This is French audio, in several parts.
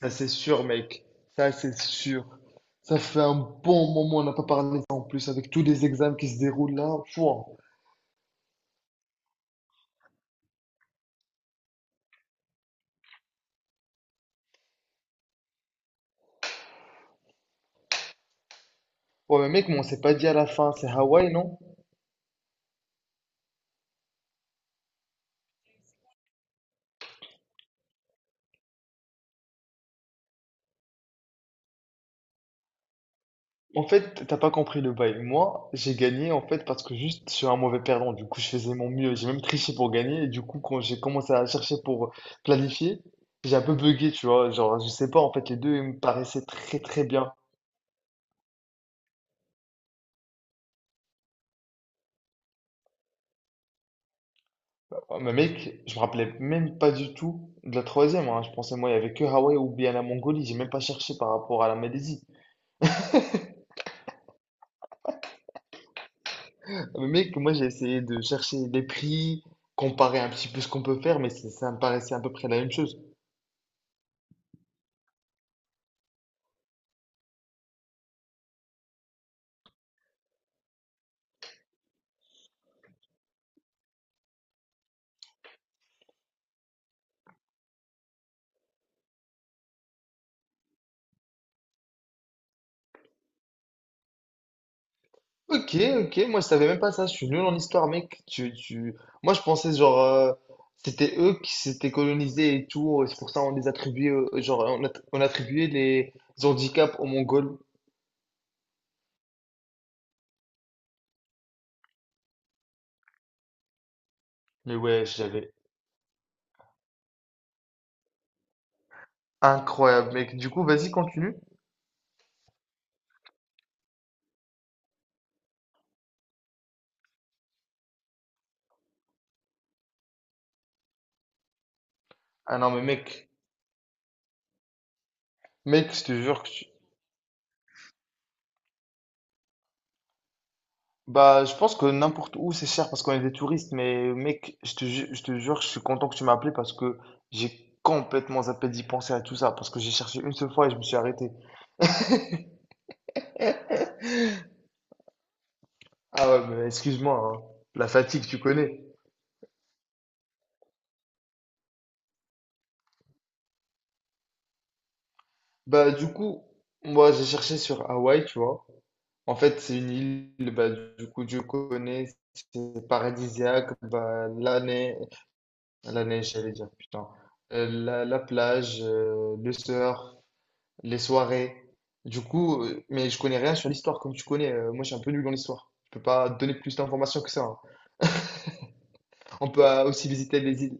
Ça c'est sûr, mec. Ça c'est sûr. Ça fait un bon moment, on n'a pas parlé de ça en plus avec tous les examens qui se déroulent là. Pouah. Ouais, mais mec, mais on s'est pas dit à la fin, c'est Hawaï, non? En fait, t'as pas compris le bail. Moi, j'ai gagné en fait parce que juste je suis un mauvais perdant. Du coup, je faisais mon mieux. J'ai même triché pour gagner. Et du coup, quand j'ai commencé à chercher pour planifier, j'ai un peu bugué, tu vois. Genre, je sais pas, en fait, les deux ils me paraissaient très très bien. Ouais, mais mec, je me rappelais même pas du tout de la troisième, hein. Je pensais, moi, il y avait que Hawaï ou bien la Mongolie. J'ai même pas cherché par rapport à la Malaisie. Mais mec, moi, j'ai essayé de chercher les prix, comparer un petit peu ce qu'on peut faire, mais ça me paraissait à peu près la même chose. Ok, ok, moi, je savais même pas ça. Je suis nul en histoire, mec. Moi, je pensais, genre, c'était eux qui s'étaient colonisés et tout. C'est pour ça on les attribuait, genre, on attribuait les handicaps aux Mongols. Mais ouais, j'avais incroyable, mec. Du coup, vas-y, continue. Ah non, mais mec, mec, je te jure que tu- Bah, je pense que n'importe où c'est cher parce qu'on est des touristes, mais mec, je te jure, je suis content que tu m'as appelé parce que j'ai complètement zappé d'y penser à tout ça parce que j'ai cherché une seule fois et je me suis arrêté. Ah ouais, mais excuse-moi, hein, la fatigue, tu connais. Bah, du coup, moi j'ai cherché sur Hawaï, tu vois. En fait, c'est une île, bah, du coup, Dieu connaît, c'est paradisiaque, bah, la neige, j'allais dire, putain. La, la plage, le surf, les soirées. Du coup, mais je connais rien sur l'histoire comme tu connais. Moi, je suis un peu nul dans l'histoire. Je peux pas donner plus d'informations que ça, hein. On peut aussi visiter les îles.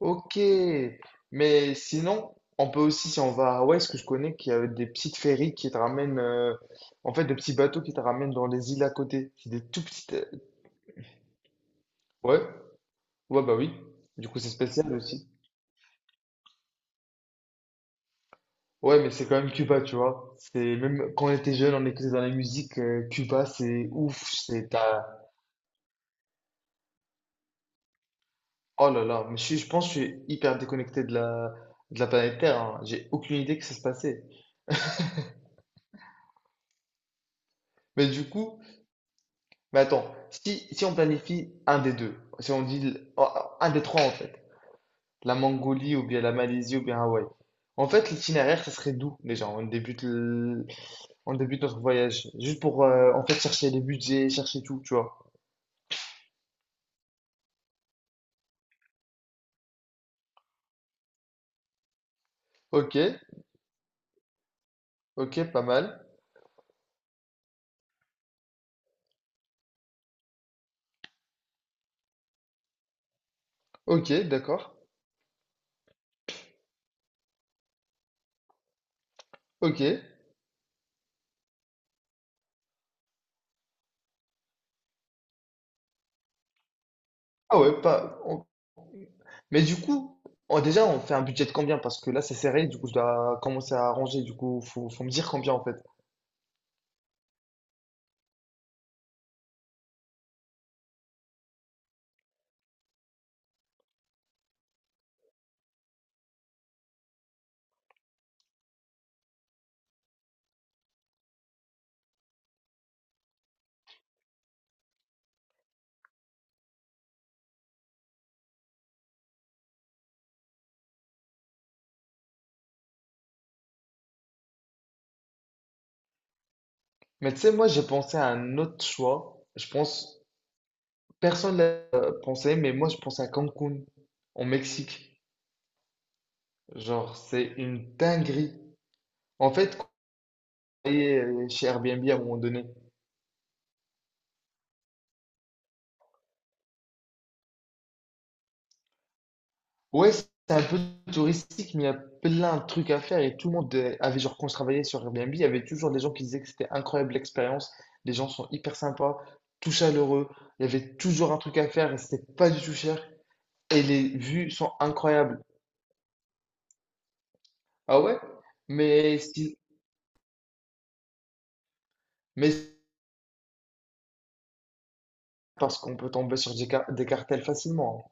Ok. Mais sinon, on peut aussi, si on va à Hawaï, ce que je connais, qu'il y a des petites ferries qui te ramènent, en fait, des petits bateaux qui te ramènent dans les îles à côté. C'est des tout petites. Ouais. Ouais, bah oui. Du coup, c'est spécial aussi. Ouais, mais c'est quand même Cuba, tu vois. C'est même quand on était jeune, on écoutait dans la musique, Cuba, c'est ouf. Oh là là, mais je pense que je suis hyper déconnecté de la planète Terre, hein. J'ai aucune idée que ça se passait. Mais du coup, mais attends, si, si on planifie un des deux, si on dit le- oh, un des trois en fait, la Mongolie ou bien la Malaisie ou bien Hawaï, en fait l'itinéraire ça serait d'où déjà? On débute notre voyage juste pour en fait chercher les budgets, chercher tout, tu vois. Ok, ok, pas mal. Ok, d'accord. Ok. Ah ouais, pas. Mais du coup, déjà, on fait un budget de combien? Parce que là, c'est serré, du coup, je dois commencer à arranger, du coup, faut me dire combien en fait. Mais tu sais, moi, j'ai pensé à un autre choix. Je pense, personne l'a pensé, mais moi, je pense à Cancun, au Mexique. Genre, c'est une dinguerie. En fait, quand on est chez Airbnb à un moment donné, ouais, c'est un peu touristique, mais il y a plein de trucs à faire. Et tout le monde avait, genre, quand je travaillais sur Airbnb, il y avait toujours des gens qui disaient que c'était incroyable l'expérience. Les gens sont hyper sympas, tout chaleureux. Il y avait toujours un truc à faire et c'était pas du tout cher. Et les vues sont incroyables. Ah ouais? Mais si, mais parce qu'on peut tomber sur des, des cartels facilement,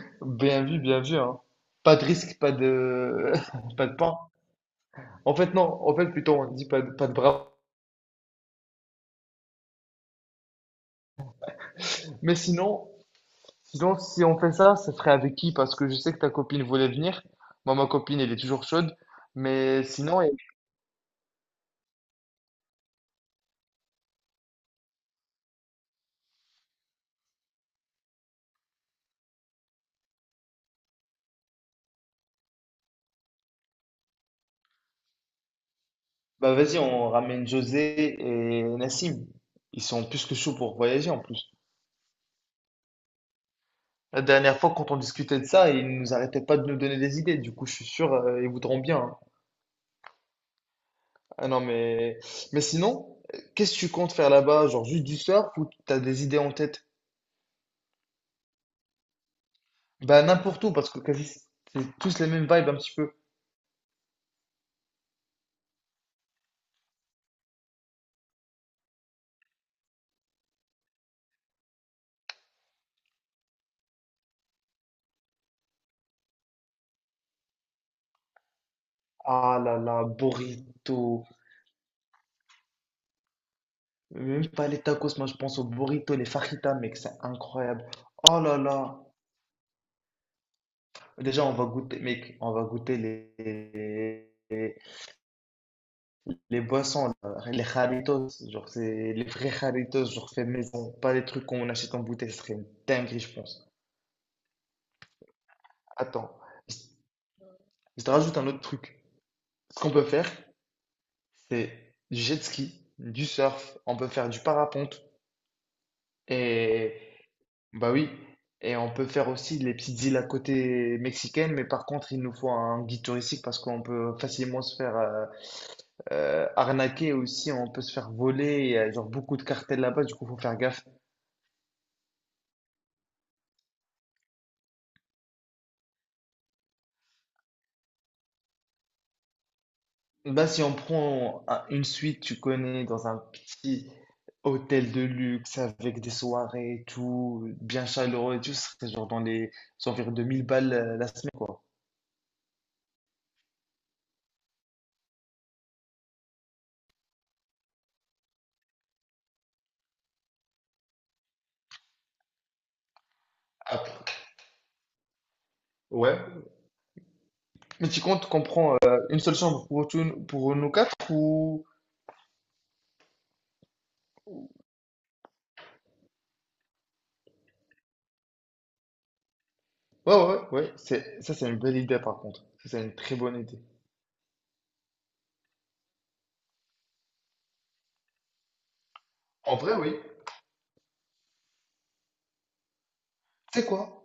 hein. Bien vu, hein. Pas de risque, pas de, pas de pain. En fait, non. En fait, plutôt, on dit pas de bras. Mais sinon, sinon, si on fait ça, ça serait avec qui? Parce que je sais que ta copine voulait venir. Moi, ma copine, elle est toujours chaude. Mais sinon, elle- Bah vas-y, on ramène José et Nassim. Ils sont plus que chauds pour voyager en plus. La dernière fois, quand on discutait de ça, ils nous arrêtaient pas de nous donner des idées. Du coup, je suis sûr, ils voudront bien, hein. Ah non, mais sinon, qu'est-ce que tu comptes faire là-bas? Genre juste du surf ou t'as des idées en tête? Bah n'importe où, parce que quasi c'est tous les mêmes vibes un petit peu. Ah là là, burrito. Même pas les tacos, moi je pense aux burritos, les fajitas, mec, c'est incroyable. Oh là là. Déjà, on va goûter, mec, on va goûter les, les boissons, là, les jarritos, genre c'est les vrais jarritos, genre fait maison, pas les trucs qu'on achète en bouteille, ce serait une dinguerie, je pense. Attends, je je te rajoute un autre truc. Ce qu'on peut faire, c'est du jet ski, du surf, on peut faire du parapente. Et bah oui, et on peut faire aussi les petites îles à côté mexicaines, mais par contre, il nous faut un guide touristique parce qu'on peut facilement se faire arnaquer aussi, on peut se faire voler, il y a genre beaucoup de cartels là-bas, du coup, faut faire gaffe. Bah si on prend une suite, tu connais, dans un petit hôtel de luxe avec des soirées et tout, bien chaleureux et tout, ce serait genre dans les environ 2000 balles la semaine, quoi. Ah, ouais. Mais tu comptes qu'on prend une seule chambre pour, pour nous quatre ou... Ouais, ouais, ouais, ouais. C'est, ça, c'est une belle idée, par contre. Ça, c'est une très bonne idée. En vrai, oui. Tu sais quoi?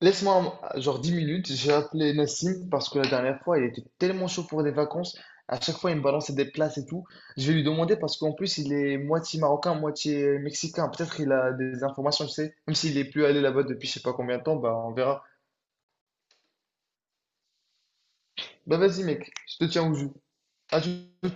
Genre 10 minutes, j'ai appelé Nassim parce que la dernière fois, il était tellement chaud pour des vacances. À chaque fois, il me balançait des places et tout. Je vais lui demander parce qu'en plus, il est moitié marocain, moitié mexicain. Peut-être il a des informations, je sais. Même s'il est plus allé là-bas depuis je sais pas combien de temps, bah on verra. Bah vas-y, mec, je te tiens au jus. À tout.